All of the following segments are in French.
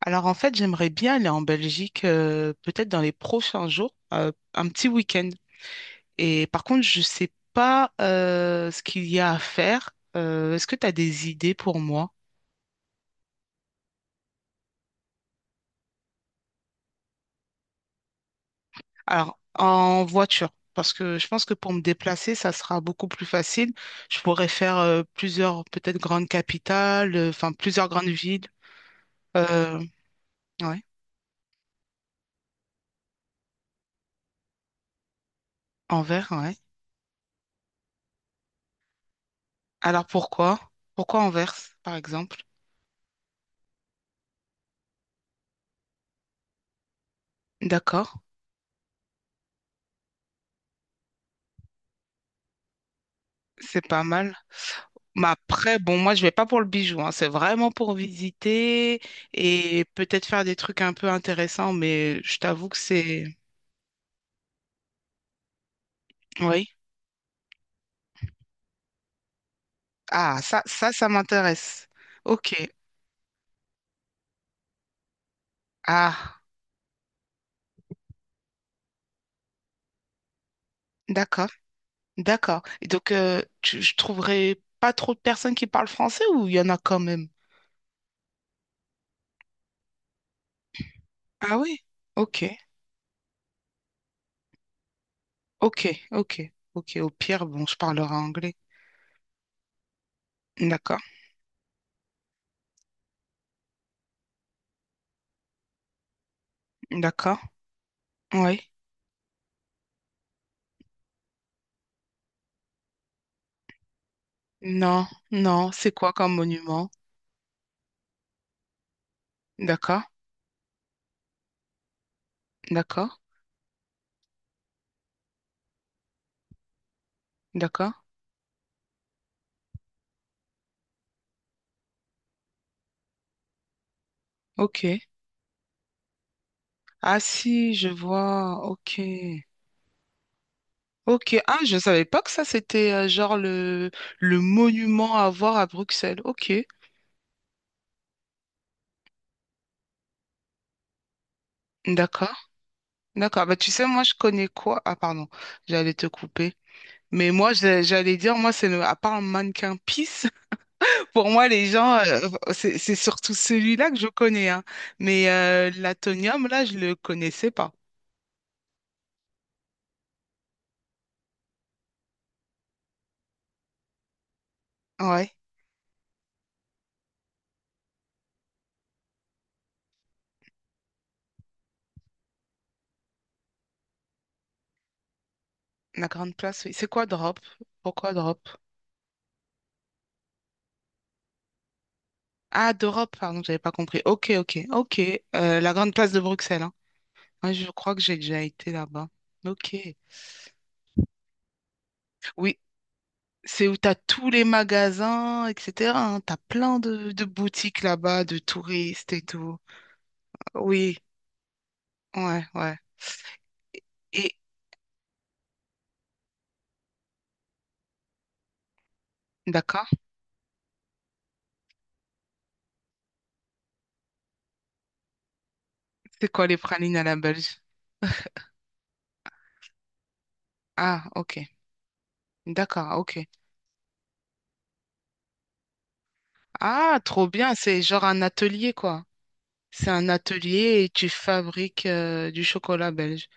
Alors en fait, j'aimerais bien aller en Belgique, peut-être dans les prochains jours, un petit week-end. Et par contre, je sais pas ce qu'il y a à faire. Est-ce que tu as des idées pour moi? Alors en voiture, parce que je pense que pour me déplacer, ça sera beaucoup plus facile. Je pourrais faire plusieurs, peut-être grandes capitales, enfin plusieurs grandes villes. Euh, ouais, Anvers, ouais. Alors pourquoi? Pourquoi Anvers, par exemple? D'accord, c'est pas mal. Mais après, bon, moi, je vais pas pour le bijou, hein. C'est vraiment pour visiter et peut-être faire des trucs un peu intéressants, mais je t'avoue que c'est... Oui. Ah, ça m'intéresse. Ok. Ah, d'accord, d'accord. Et donc, je trouverai pas trop de personnes qui parlent français ou il y en a quand même? Ah oui. Ok, ok, ok, ok. Au pire, bon, je parlerai anglais. D'accord, d'accord. Oui. Non, non. C'est quoi comme monument? D'accord, d'accord, d'accord. Ok. Ah si, je vois. Ok. Ok. Ah, je savais pas que ça, c'était genre le monument à voir à Bruxelles. Ok. D'accord. D'accord. Bah, tu sais, moi, je connais quoi? Ah, pardon. J'allais te couper. Mais moi, j'allais dire, moi, c'est à part un mannequin pisse, pour moi, les gens, c'est surtout celui-là que je connais. Hein. Mais l'Atonium, là, je le connaissais pas. Ouais. La grande place, oui. C'est quoi Drop? Pourquoi Drop? Ah, d'Europe, pardon, j'avais pas compris. Ok, ok, ok. La grande place de Bruxelles, hein. Ouais, je crois que j'ai déjà été là-bas. Ok. Oui, c'est où t'as tous les magasins, etc., hein. T'as plein de boutiques là-bas, de touristes et tout. Oui, ouais, ouais. Et d'accord. C'est quoi les pralines à la Belge? Ah, ok. D'accord, ok. Ah, trop bien. C'est genre un atelier, quoi. C'est un atelier et tu fabriques du chocolat belge.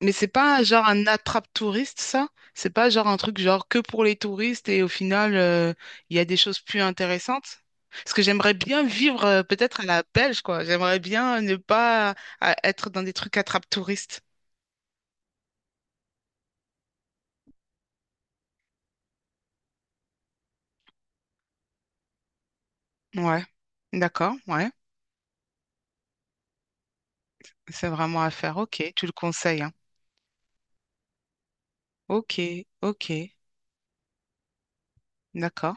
Mais c'est pas genre un attrape-touriste, ça? C'est pas genre un truc genre que pour les touristes et au final, il y a des choses plus intéressantes? Parce que j'aimerais bien vivre peut-être à la Belge, quoi. J'aimerais bien ne pas être dans des trucs attrape-touristes. Ouais, d'accord, ouais. C'est vraiment à faire. Ok, tu le conseilles, hein. Ok, ok, d'accord.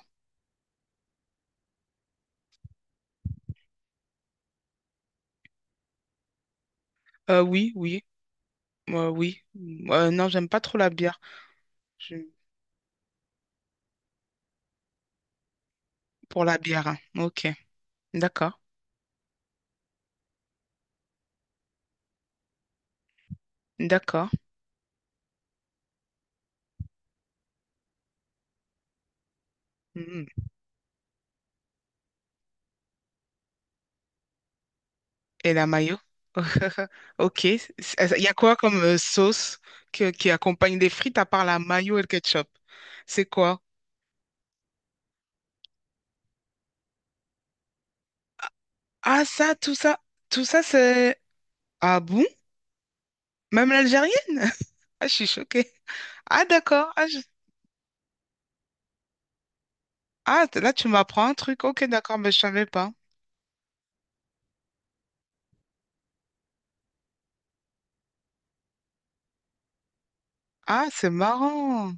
Oui, oui, oui. Non, j'aime pas trop la bière. Je- Pour la bière, hein. Ok, d'accord, d'accord. Mhm. Et la mayo. Ok. Il y a quoi comme sauce qui accompagne des frites à part la mayo et le ketchup? C'est quoi? Ah, ça, tout ça, tout ça, c'est... Ah bon? Même l'algérienne? Ah, je suis choquée. Ah, d'accord. Là, tu m'apprends un truc. Ok, d'accord, mais je savais pas. Ah, c'est marrant.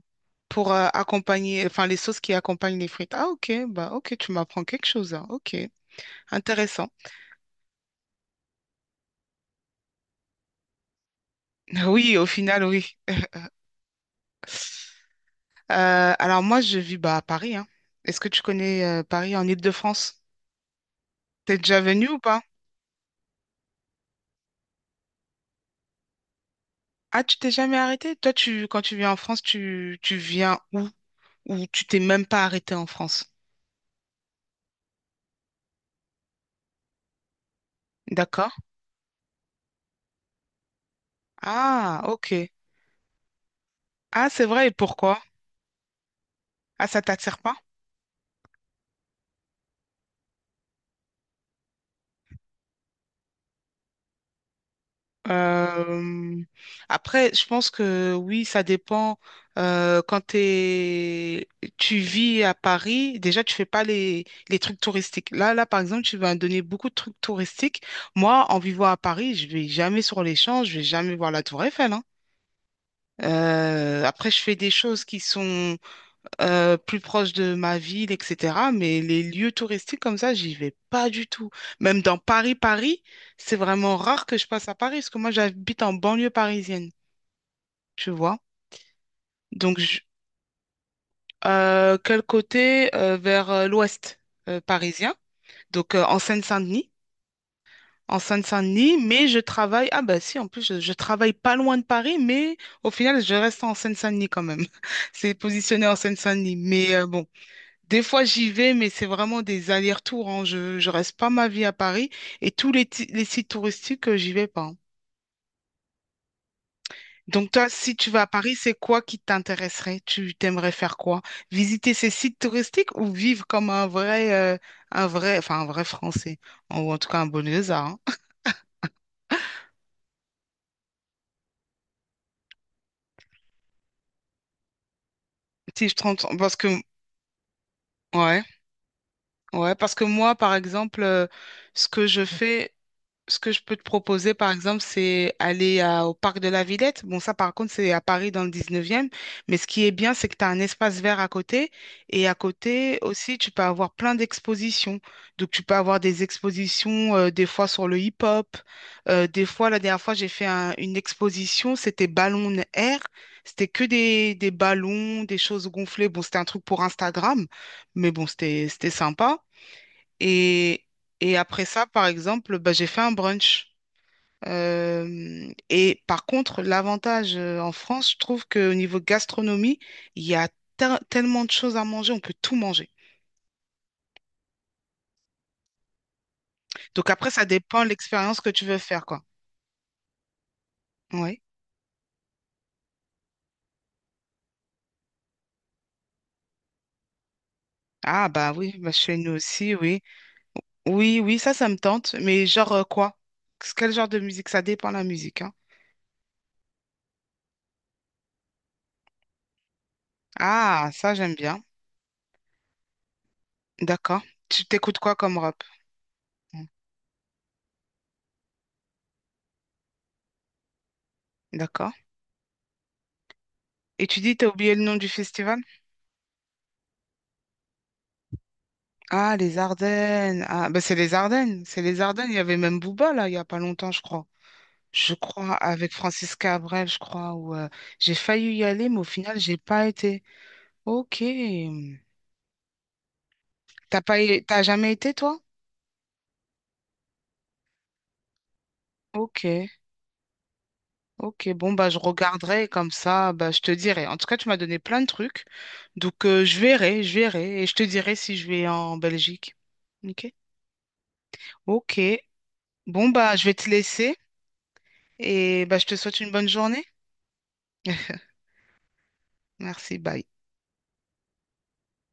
Pour accompagner, enfin, les sauces qui accompagnent les frites. Ah, ok, bah, ok, tu m'apprends quelque chose, hein. Ok, intéressant. Oui, au final, oui. Alors moi, je vis bah, à Paris, hein. Est-ce que tu connais Paris en Île-de-France? T'es déjà venu ou pas? Ah, tu t'es jamais arrêté? Toi, quand tu viens en France, tu viens où? Ou tu t'es même pas arrêté en France? D'accord. Ah, ok. Ah, c'est vrai, et pourquoi? Ah, ça t'attire pas? Euh, Après, je pense que oui, ça dépend. Euh, quand t'es, tu vis à Paris, déjà, tu fais pas les trucs touristiques. Là, là, par exemple, tu vas me donner beaucoup de trucs touristiques. Moi, en vivant à Paris, je vais jamais sur les Champs, je vais jamais voir la Tour Eiffel, hein. Après, je fais des choses qui sont plus proche de ma ville, etc. Mais les lieux touristiques comme ça, j'y vais pas du tout. Même dans Paris, Paris, c'est vraiment rare que je passe à Paris, parce que moi, j'habite en banlieue parisienne, tu vois. Donc, je- Quel côté? Vers l'ouest parisien, donc en Seine-Saint-Denis. En Seine-Saint-Denis, mais je travaille. Ah, bah si, en plus, je travaille pas loin de Paris, mais au final, je reste en Seine-Saint-Denis quand même. C'est positionné en Seine-Saint-Denis. Mais bon. Des fois, j'y vais, mais c'est vraiment des allers-retours, hein. Je reste pas ma vie à Paris et tous les sites touristiques, j'y vais pas, hein. Donc, toi, si tu vas à Paris, c'est quoi qui t'intéresserait? Tu t'aimerais faire quoi? Visiter ces sites touristiques ou vivre comme un vrai Français, ou en tout cas un Boniosa, hein. Si je t'entends, parce que, ouais, ouais, parce que moi, par exemple, ce que je fais, ce que je peux te proposer, par exemple, c'est aller au parc de la Villette. Bon, ça, par contre, c'est à Paris dans le 19e. Mais ce qui est bien, c'est que tu as un espace vert à côté. Et à côté aussi, tu peux avoir plein d'expositions. Donc, tu peux avoir des expositions, des fois sur le hip-hop. Des fois, la dernière fois, j'ai fait une exposition, c'était Ballon Air. C'était que des ballons, des choses gonflées. Bon, c'était un truc pour Instagram. Mais bon, c'était sympa. Et, et après ça, par exemple, bah, j'ai fait un brunch. Et par contre, l'avantage en France, je trouve qu'au niveau gastronomie, il y a tellement de choses à manger, on peut tout manger. Donc après, ça dépend de l'expérience que tu veux faire, quoi. Oui. Ah bah oui, bah chez nous aussi, oui. Oui, oui, ça me tente. Mais genre quoi? Quel genre de musique? Ça dépend de la musique, hein. Ah, ça, j'aime bien. D'accord. Tu t'écoutes quoi comme rap? D'accord. Et tu dis, t'as oublié le nom du festival? Ah, les Ardennes. Ah, bah c'est les Ardennes. C'est les Ardennes. Il y avait même Booba, là, il n'y a pas longtemps, je crois. Je crois, avec Francis Cabrel, je crois, où j'ai failli y aller, mais au final, j'ai pas été. Ok. T'as pas, é- T'as jamais été, toi? Ok. Ok. Bon, bah, je regarderai comme ça, bah, je te dirai. En tout cas, tu m'as donné plein de trucs. Donc, je verrai, je verrai. Et je te dirai si je vais en Belgique. Ok. Ok. Bon, bah, je vais te laisser. Et bah, je te souhaite une bonne journée. Merci. Bye.